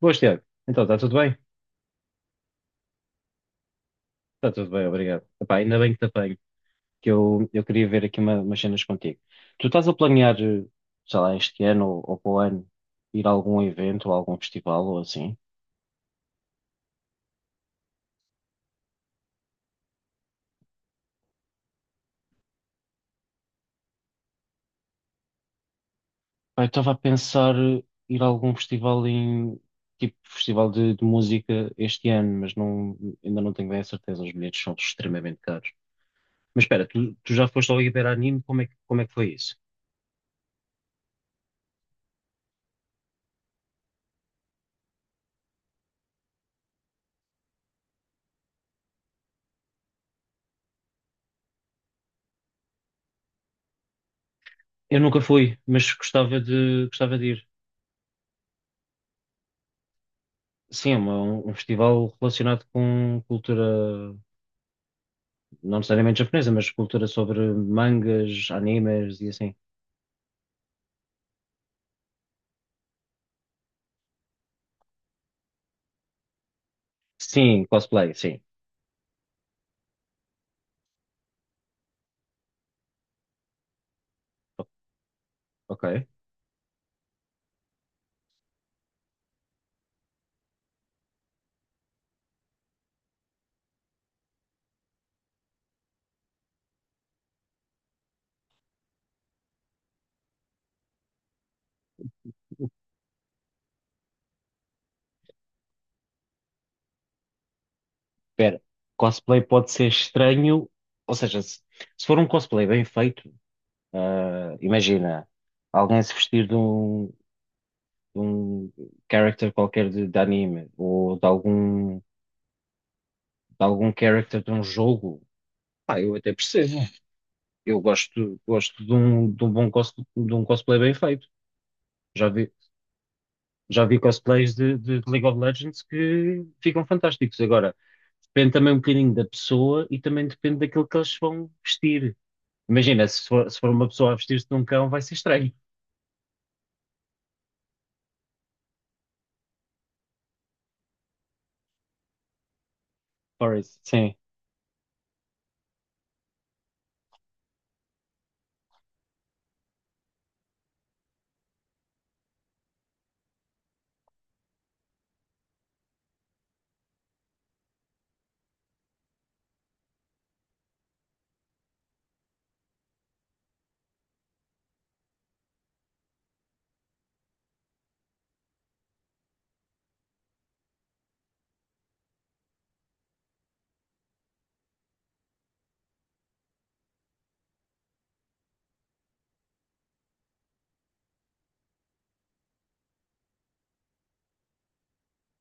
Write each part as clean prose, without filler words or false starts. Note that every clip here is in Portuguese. Boas, Tiago. Então, está tudo bem? Está tudo bem, obrigado. Epá, ainda bem que te apanho, que eu queria ver aqui umas cenas contigo. Tu estás a planear, sei lá, este ano ou para o ano, ir a algum evento ou a algum festival ou assim? Pá, eu estava a pensar ir a algum festival em, tipo, festival de música este ano, mas não, ainda não tenho bem a certeza, os bilhetes são extremamente caros. Mas espera, tu já foste ao Iberanime, como é que foi isso? Eu nunca fui, mas gostava gostava de ir. Sim, é um um festival relacionado com cultura, não necessariamente japonesa, mas cultura sobre mangas, animes e assim. Sim, cosplay, sim. Ok. Espera, cosplay pode ser estranho, ou seja, se for um cosplay bem feito, ah, imagina alguém se vestir de um character qualquer de anime ou de algum character de um jogo, pá, eu até percebo. Eu gosto, gosto de um bom de um cosplay bem feito. Já vi, já vi cosplays de League of Legends que ficam fantásticos. Agora, depende também um bocadinho da pessoa e também depende daquilo que eles vão vestir. Imagina, se for uma pessoa a vestir-se de um cão, vai ser estranho. Por isso, sim,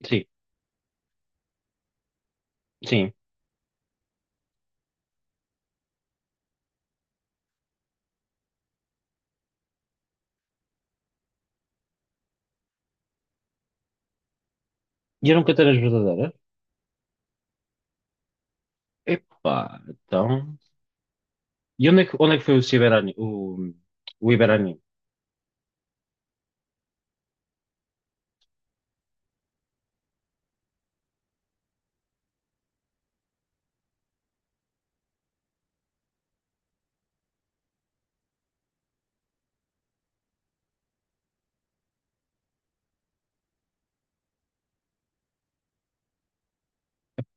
sim, sim. E eram canteiras verdadeiras? Epá, então. E onde é que foi o o Iberani?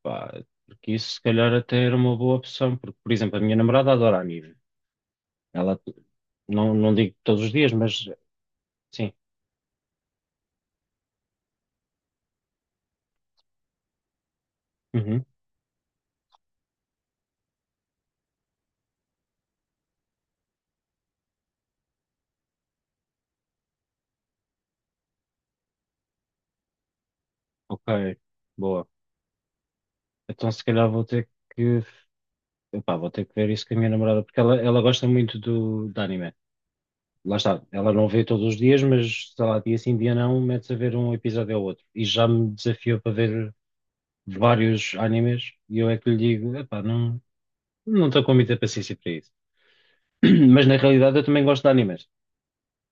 Pá, porque isso se calhar até era uma boa opção, porque, por exemplo, a minha namorada adora anime. Ela, não digo todos os dias, mas sim. Uhum. Ok, boa. Então se calhar vou ter que, epá, vou ter que ver isso com a minha namorada, porque ela gosta muito do, de anime. Lá está, ela não vê todos os dias, mas sei lá, dia sim, dia não, mete-se a ver um episódio ou outro. E já me desafiou para ver vários animes, e eu é que lhe digo, epá, não, não estou com muita paciência para isso. Mas na realidade eu também gosto de animes.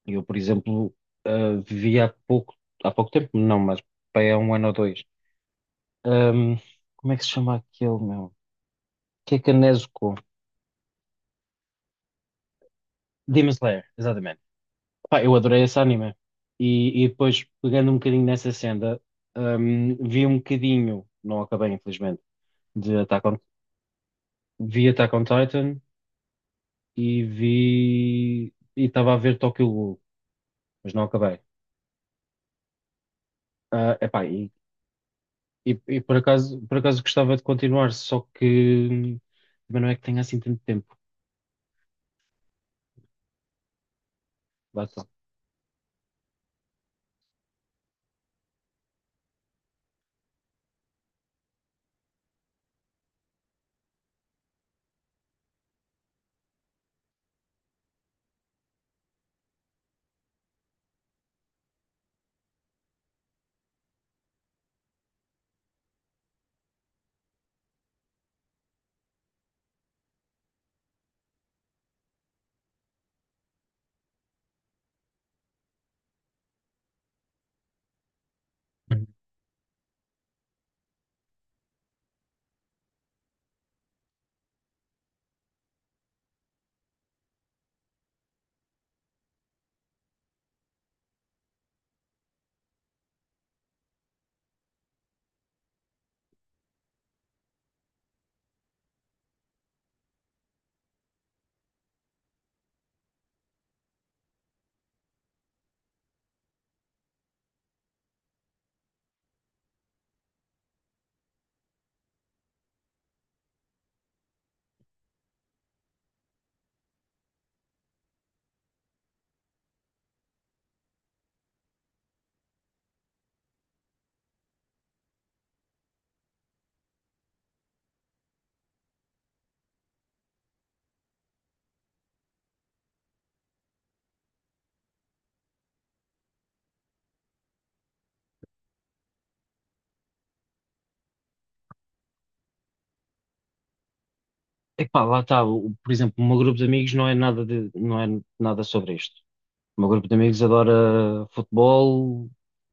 Eu, por exemplo, vi há pouco tempo, não, mas bem, há um ano ou dois. Ahm, Como é que se chama aquele, meu? Kekanezuko. Demon Slayer, exatamente. Pá, eu adorei esse anime. E depois, pegando um bocadinho nessa senda, vi um bocadinho, não acabei infelizmente, de vi Attack on Titan e vi, e estava a ver Tokyo Ghoul, mas não acabei. Ah, epá, e, e por acaso gostava de continuar, só que hum, também não é que tenha assim tanto tempo. Lá está. Uhum. Epá, lá está, por exemplo, o meu grupo de amigos não é nada não é nada sobre isto. O meu grupo de amigos adora futebol,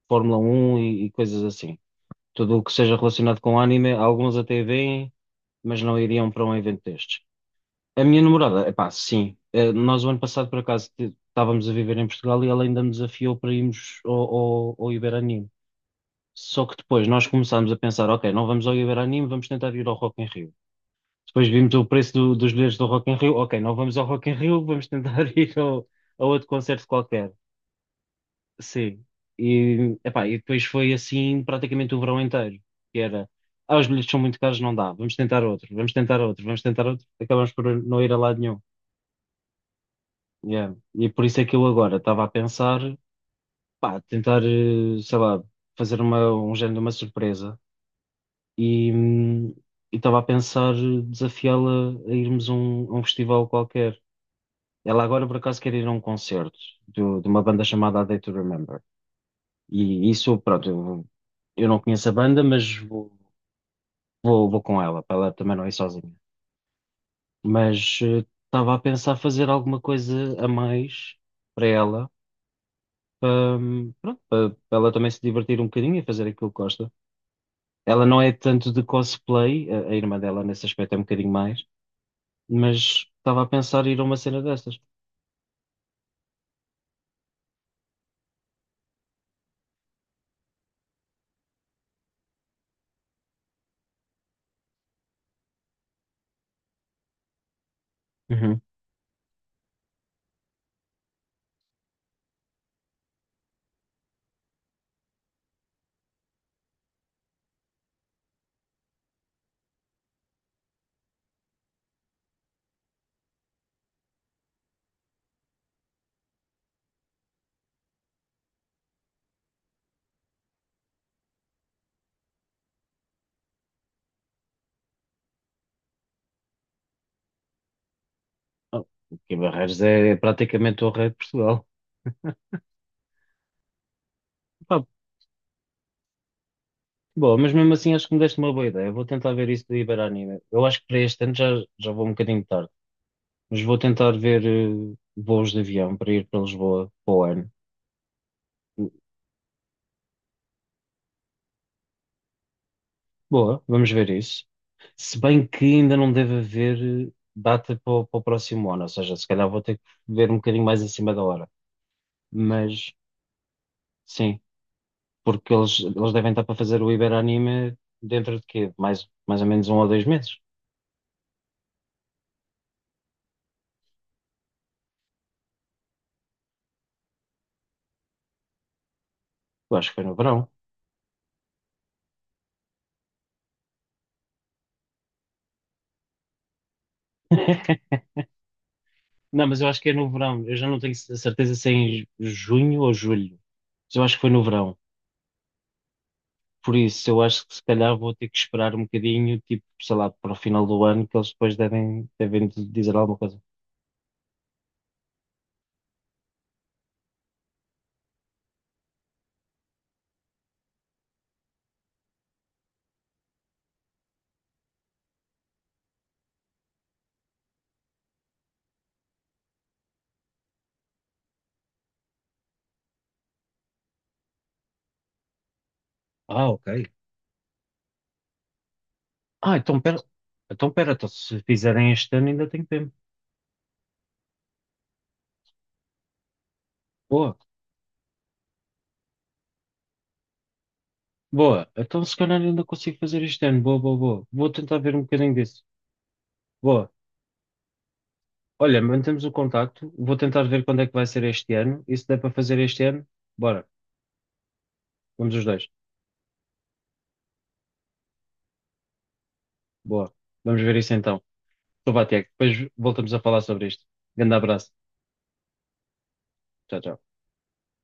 Fórmula 1 e coisas assim. Tudo o que seja relacionado com anime, alguns até veem, mas não iriam para um evento destes. A minha namorada, epá, sim. Eh, nós o ano passado, por acaso, estávamos a viver em Portugal e ela ainda me desafiou para irmos ao Iberanime. Só que depois nós começámos a pensar, ok, não vamos ao Iberanime, vamos tentar ir ao Rock in Rio. Depois vimos o preço dos bilhetes do Rock in Rio, ok, não vamos ao Rock in Rio, vamos tentar ir ao, a outro concerto qualquer. Sim. E, epá, e depois foi assim praticamente o verão inteiro, que era, ah, os bilhetes são muito caros, não dá, vamos tentar outro, vamos tentar outro, vamos tentar outro, acabamos por não ir a lado nenhum. Yeah. E por isso é que eu agora estava a pensar, pá, tentar, sei lá, fazer uma, um género de uma surpresa e e estava a pensar desafiá-la a irmos a um festival qualquer. Ela agora por acaso quer ir a um concerto de uma banda chamada A Day to Remember. E isso, pronto, eu não conheço a banda, mas vou com ela, para ela também não ir sozinha. Mas estava a pensar fazer alguma coisa a mais para ela, pronto, para ela também se divertir um bocadinho e fazer aquilo que gosta. Ela não é tanto de cosplay, a irmã dela nesse aspecto é um bocadinho mais, mas estava a pensar ir a uma cena destas. Uhum. Oh, que Barreiros é é praticamente o rei de Portugal. Pá, boa, mas mesmo assim acho que me deste uma boa ideia. Vou tentar ver isso do Iberanime. Eu acho que para este ano já vou um bocadinho tarde. Mas vou tentar ver voos de avião para ir para Lisboa para o ano. Boa, vamos ver isso. Se bem que ainda não deve haver data para, o para o próximo ano, ou seja, se calhar vou ter que ver um bocadinho mais acima da hora. Mas sim, porque eles devem estar para fazer o Iberanime dentro de quê? Mais, mais ou menos um ou dois meses. Eu acho que foi no verão. Não, mas eu acho que é no verão. Eu já não tenho certeza se é em junho ou julho. Mas eu acho que foi no verão. Por isso, eu acho que se calhar vou ter que esperar um bocadinho, tipo, sei lá, para o final do ano, que eles depois devem, dizer alguma coisa. Ah, ok. Ah, então pera, então pera, então se fizerem este ano ainda tenho tempo. Boa, boa. Então se calhar ainda consigo fazer este ano. Boa, boa, boa. Vou tentar ver um bocadinho disso. Boa. Olha, mantemos o contacto. Vou tentar ver quando é que vai ser este ano. E se der para fazer este ano, bora. Vamos os dois. Boa. Vamos ver isso então. Então vá, Tiago. Depois voltamos a falar sobre isto. Grande abraço. Tchau, tchau.